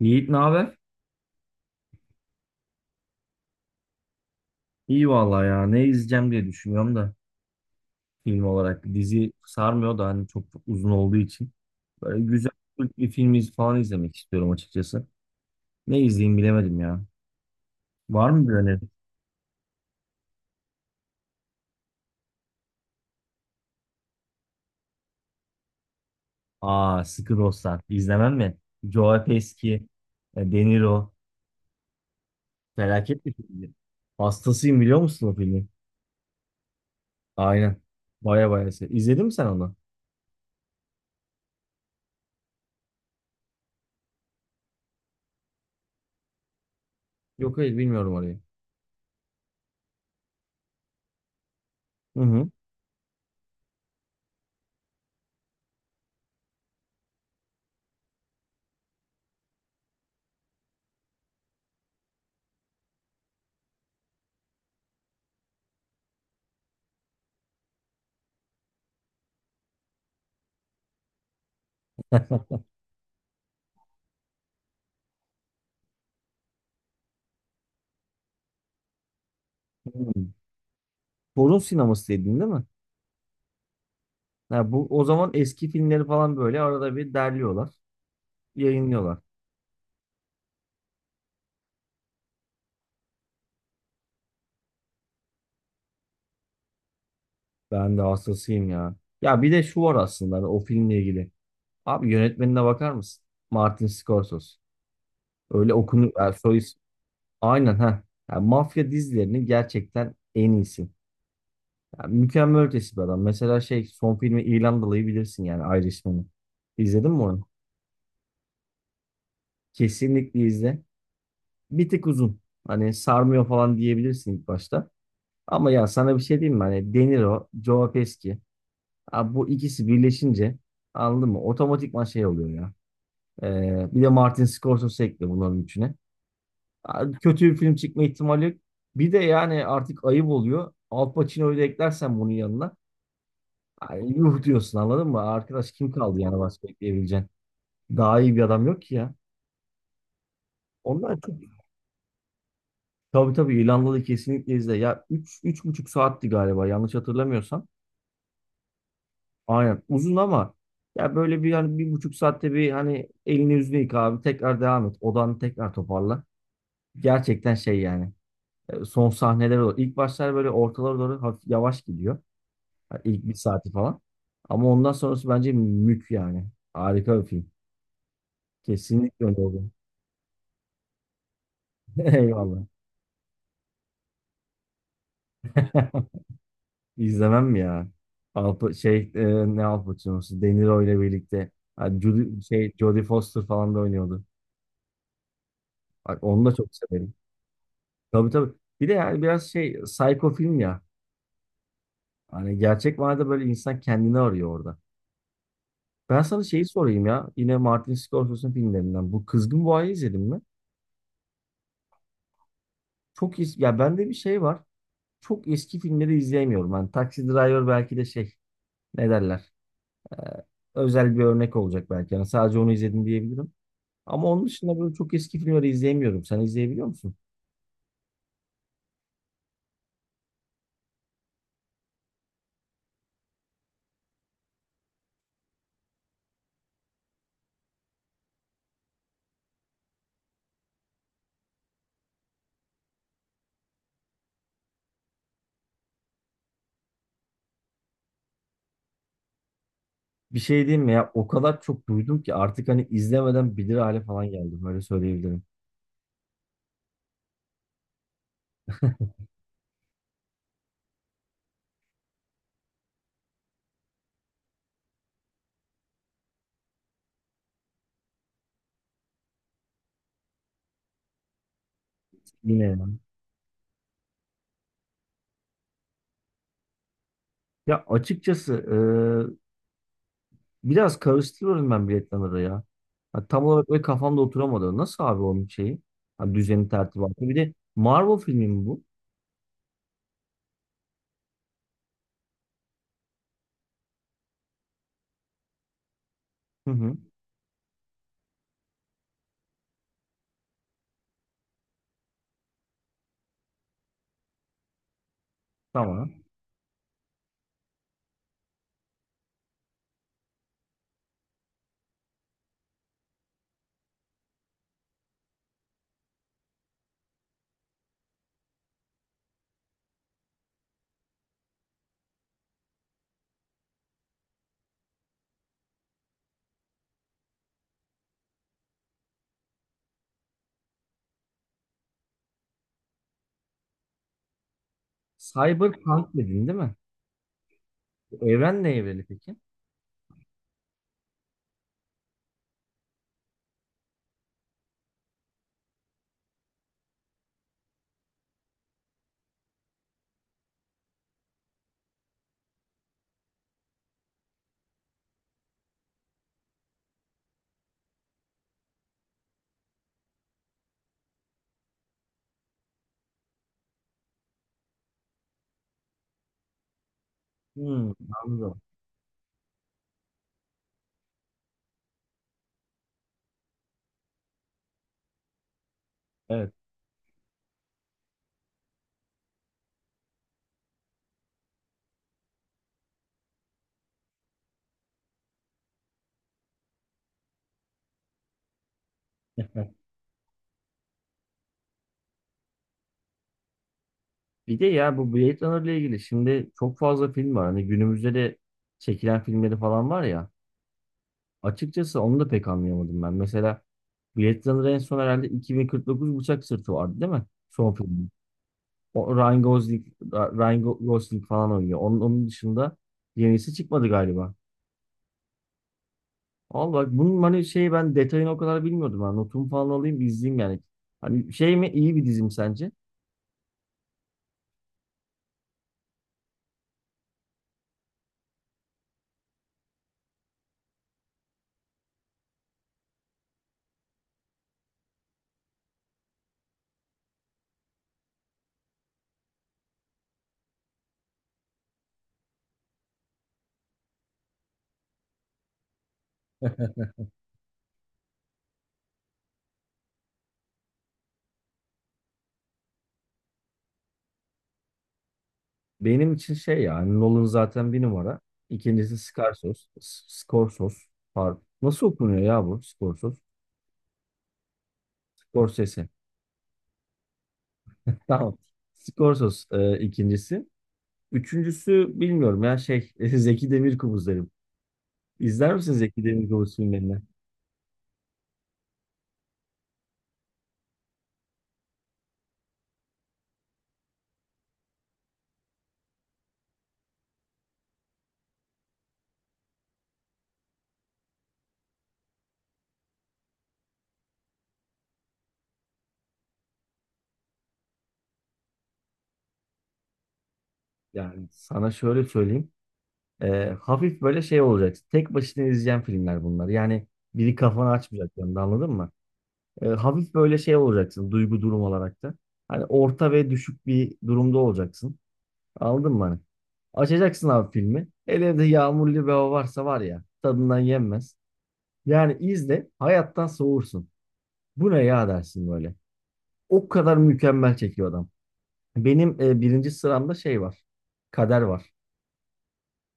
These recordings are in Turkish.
Yiğit ne haber? İyi vallahi ya. Ne izleyeceğim diye düşünüyorum da film olarak. Dizi sarmıyor da hani çok uzun olduğu için. Böyle güzel Türk bir film falan izlemek istiyorum açıkçası. Ne izleyeyim bilemedim ya. Var mı bir öneri? Aa, Sıkı Dostlar. İzlemem mi? Joe Pesci, De Niro. Felaket bir filmdi. Hastasıyım biliyor musun o filmi? Aynen. Baya baya. İzledin mi sen onu? Yok, hayır, bilmiyorum orayı. Hı hı. Hı. Torun sineması dedin değil mi? Ha, bu o zaman eski filmleri falan böyle arada bir derliyorlar, yayınlıyorlar. Ben de hastasıyım ya. Ya bir de şu var aslında hani o filmle ilgili. Abi yönetmenine bakar mısın? Martin Scorsese. Öyle okunu yani aynen ha. Yani mafya dizilerinin gerçekten en iyisi. Yani mükemmel ötesi bir adam. Mesela şey son filmi İrlandalı'yı bilirsin yani Irishman'ı. İzledin mi onu? Kesinlikle izle. Bir tık uzun. Hani sarmıyor falan diyebilirsin ilk başta. Ama ya sana bir şey diyeyim mi? Hani De Niro, Joe Pesci. Abi bu ikisi birleşince anladın mı? Otomatikman şey oluyor ya. Bir de Martin Scorsese ekle bunların üçüne. Abi kötü bir film çıkma ihtimali yok. Bir de yani artık ayıp oluyor. Al Pacino'yu da eklersen bunun yanına. Ay, yuh diyorsun anladın mı? Arkadaş kim kaldı yani başka ekleyebileceğin? Daha iyi bir adam yok ki ya. Onlar çok... Tabii tabii, İrlandalı kesinlikle izle. Ya 3,5 saatti galiba yanlış hatırlamıyorsam. Aynen uzun ama ya böyle bir hani 1,5 saatte bir hani elini yüzünü yıka abi, tekrar devam et, odanı tekrar toparla. Gerçekten şey yani son sahneler olur. İlk başlar böyle ortalara doğru hafif yavaş gidiyor. Yani ilk bir saati falan. Ama ondan sonrası bence yani. Harika bir film. Kesinlikle öyle oldu. Eyvallah. İzlemem mi ya? Alpa, şey e, ne Al Pacino'su? De Niro ile birlikte. Hani Jodie Foster falan da oynuyordu. Bak onu da çok severim. Tabii tabii. Bir de yani biraz şey psycho film ya. Hani gerçek manada böyle insan kendini arıyor orada. Ben sana şeyi sorayım ya. Yine Martin Scorsese'nin filmlerinden. Bu Kızgın Boğa'yı izledin mi? Çok eski. Ya bende bir şey var. Çok eski filmleri izleyemiyorum. Hani Taxi Driver belki de şey ne derler. Ee, Özel bir örnek olacak belki. Yani sadece onu izledim diyebilirim. Ama onun dışında böyle çok eski filmleri izleyemiyorum. Sen izleyebiliyor musun? Bir şey diyeyim mi ya? O kadar çok duydum ki artık hani izlemeden bilir hale falan geldim. Öyle söyleyebilirim. Yine Ya açıkçası biraz karıştırıyorum ben biletleri ya. Ha, tam olarak böyle kafamda oturamadı. Nasıl abi onun şeyi? Ha, düzeni tertibatı. Bir de Marvel filmi mi bu? Hı hı. Tamam. Cyberpunk dedin değil mi? Bu evren ne evreni peki? Hmm, anladım. Evet. Bir de ya bu Blade Runner ile ilgili şimdi çok fazla film var. Hani günümüzde de çekilen filmleri falan var ya. Açıkçası onu da pek anlayamadım ben. Mesela Blade Runner en son herhalde 2049 Bıçak Sırtı vardı değil mi? Son film. O Ryan Gosling falan oynuyor. Onun dışında yenisi çıkmadı galiba. Al bak bunun hani şey ben detayını o kadar bilmiyordum. Ha. Notumu falan alayım bir izleyeyim yani. Hani şey mi iyi bir dizim sence? Benim için şey yani Nolan zaten bir numara. İkincisi Scarsos. Scorsos. Pardon. Nasıl okunuyor ya bu? Scorsos. Scorsese. Tamam. Scorsos, ikincisi. Üçüncüsü bilmiyorum ya şey Zeki Demirkubuz derim. İzler misin Zeki Demirkubuz filmlerini? Yani sana şöyle söyleyeyim. Hafif böyle şey olacak. Tek başına izleyeceğim filmler bunlar. Yani biri kafanı açmayacak yanında, anladın mı? Hafif böyle şey olacaksın, duygu durum olarak da. Hani orta ve düşük bir durumda olacaksın. Anladın mı? Hani? Açacaksın abi filmi. Hele de yağmurlu bir hava varsa var ya, tadından yenmez. Yani izle, hayattan soğursun. Bu ne ya dersin böyle. O kadar mükemmel çekiyor adam. Benim birinci sıramda şey var. Kader var.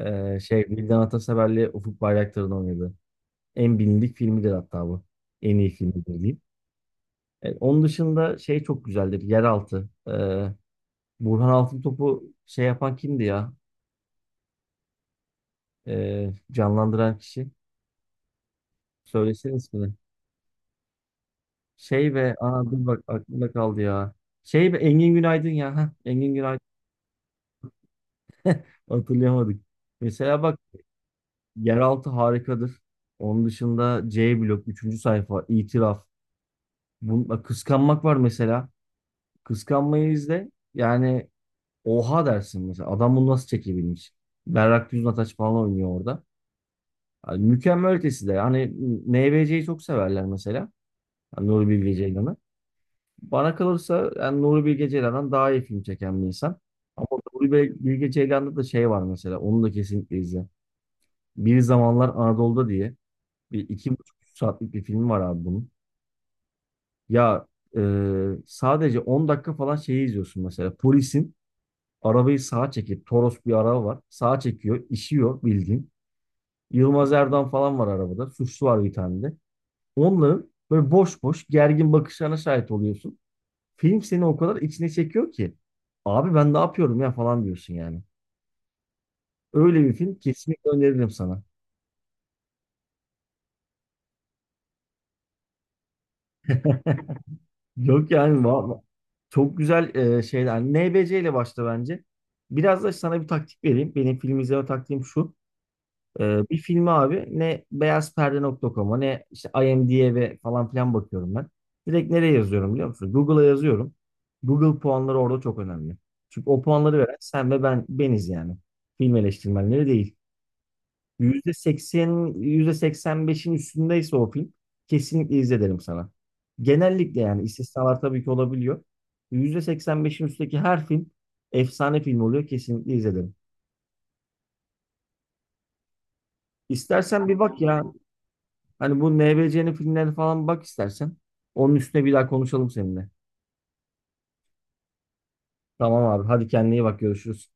Şey Vildan Atasever'le Ufuk Bayraktar'ın oynadığı. En bilindik filmidir hatta bu. En iyi filmidir diyeyim. Onun dışında şey çok güzeldir. Yeraltı. Burhan Altıntop'u şey yapan kimdi ya? Canlandıran kişi. Söylesene ismini. Şey ve aa, dur bak aklımda kaldı ya. Şey ve Engin Günaydın ya. Heh, Engin Günaydın. Hatırlayamadık. Mesela bak, Yeraltı harikadır. Onun dışında C blok, üçüncü sayfa, itiraf. Bununla kıskanmak var mesela. Kıskanmayı izle. Yani oha dersin mesela. Adam bunu nasıl çekebilmiş? Berrak Düznataç falan oynuyor orada. Yani mükemmel ötesi de. Hani NBC'yi çok severler mesela. Yani Nuri Bilge Ceylan'ı. Bana kalırsa yani Nuri Bilge Ceylan'dan daha iyi film çeken bir insan. Ama Nuri Bilge Ceylan'da da şey var mesela. Onu da kesinlikle izle. Bir Zamanlar Anadolu'da diye bir 2,5-3 saatlik bir film var abi bunun. Ya e, sadece 10 dakika falan şeyi izliyorsun mesela. Polisin arabayı sağa çekip, Toros bir araba var. Sağa çekiyor, işiyor bildiğin. Yılmaz Erdoğan falan var arabada. Suçlu var bir tane de. Onların böyle boş boş gergin bakışlarına şahit oluyorsun. Film seni o kadar içine çekiyor ki. Abi ben ne yapıyorum ya falan diyorsun yani. Öyle bir film, kesinlikle öneririm sana. Yok yani, çok güzel şeyler. NBC ile başla bence. Biraz da sana bir taktik vereyim. Benim film izleme taktiğim şu. Bir filmi abi ne beyazperde.com'a ne işte IMDb'ye falan filan bakıyorum ben. Direkt nereye yazıyorum biliyor musun? Google'a yazıyorum. Google puanları orada çok önemli. Çünkü o puanları veren sen ve ben beniz yani. Film eleştirmenleri değil. %80, %85'in üstündeyse o film kesinlikle izle derim sana. Genellikle yani, istisnalar tabii ki olabiliyor. %85'in üstteki her film efsane film oluyor, kesinlikle izledim. İstersen bir bak ya. Hani bu NBC'nin filmlerine falan bak istersen. Onun üstüne bir daha konuşalım seninle. Tamam abi. Hadi kendine iyi bak. Görüşürüz.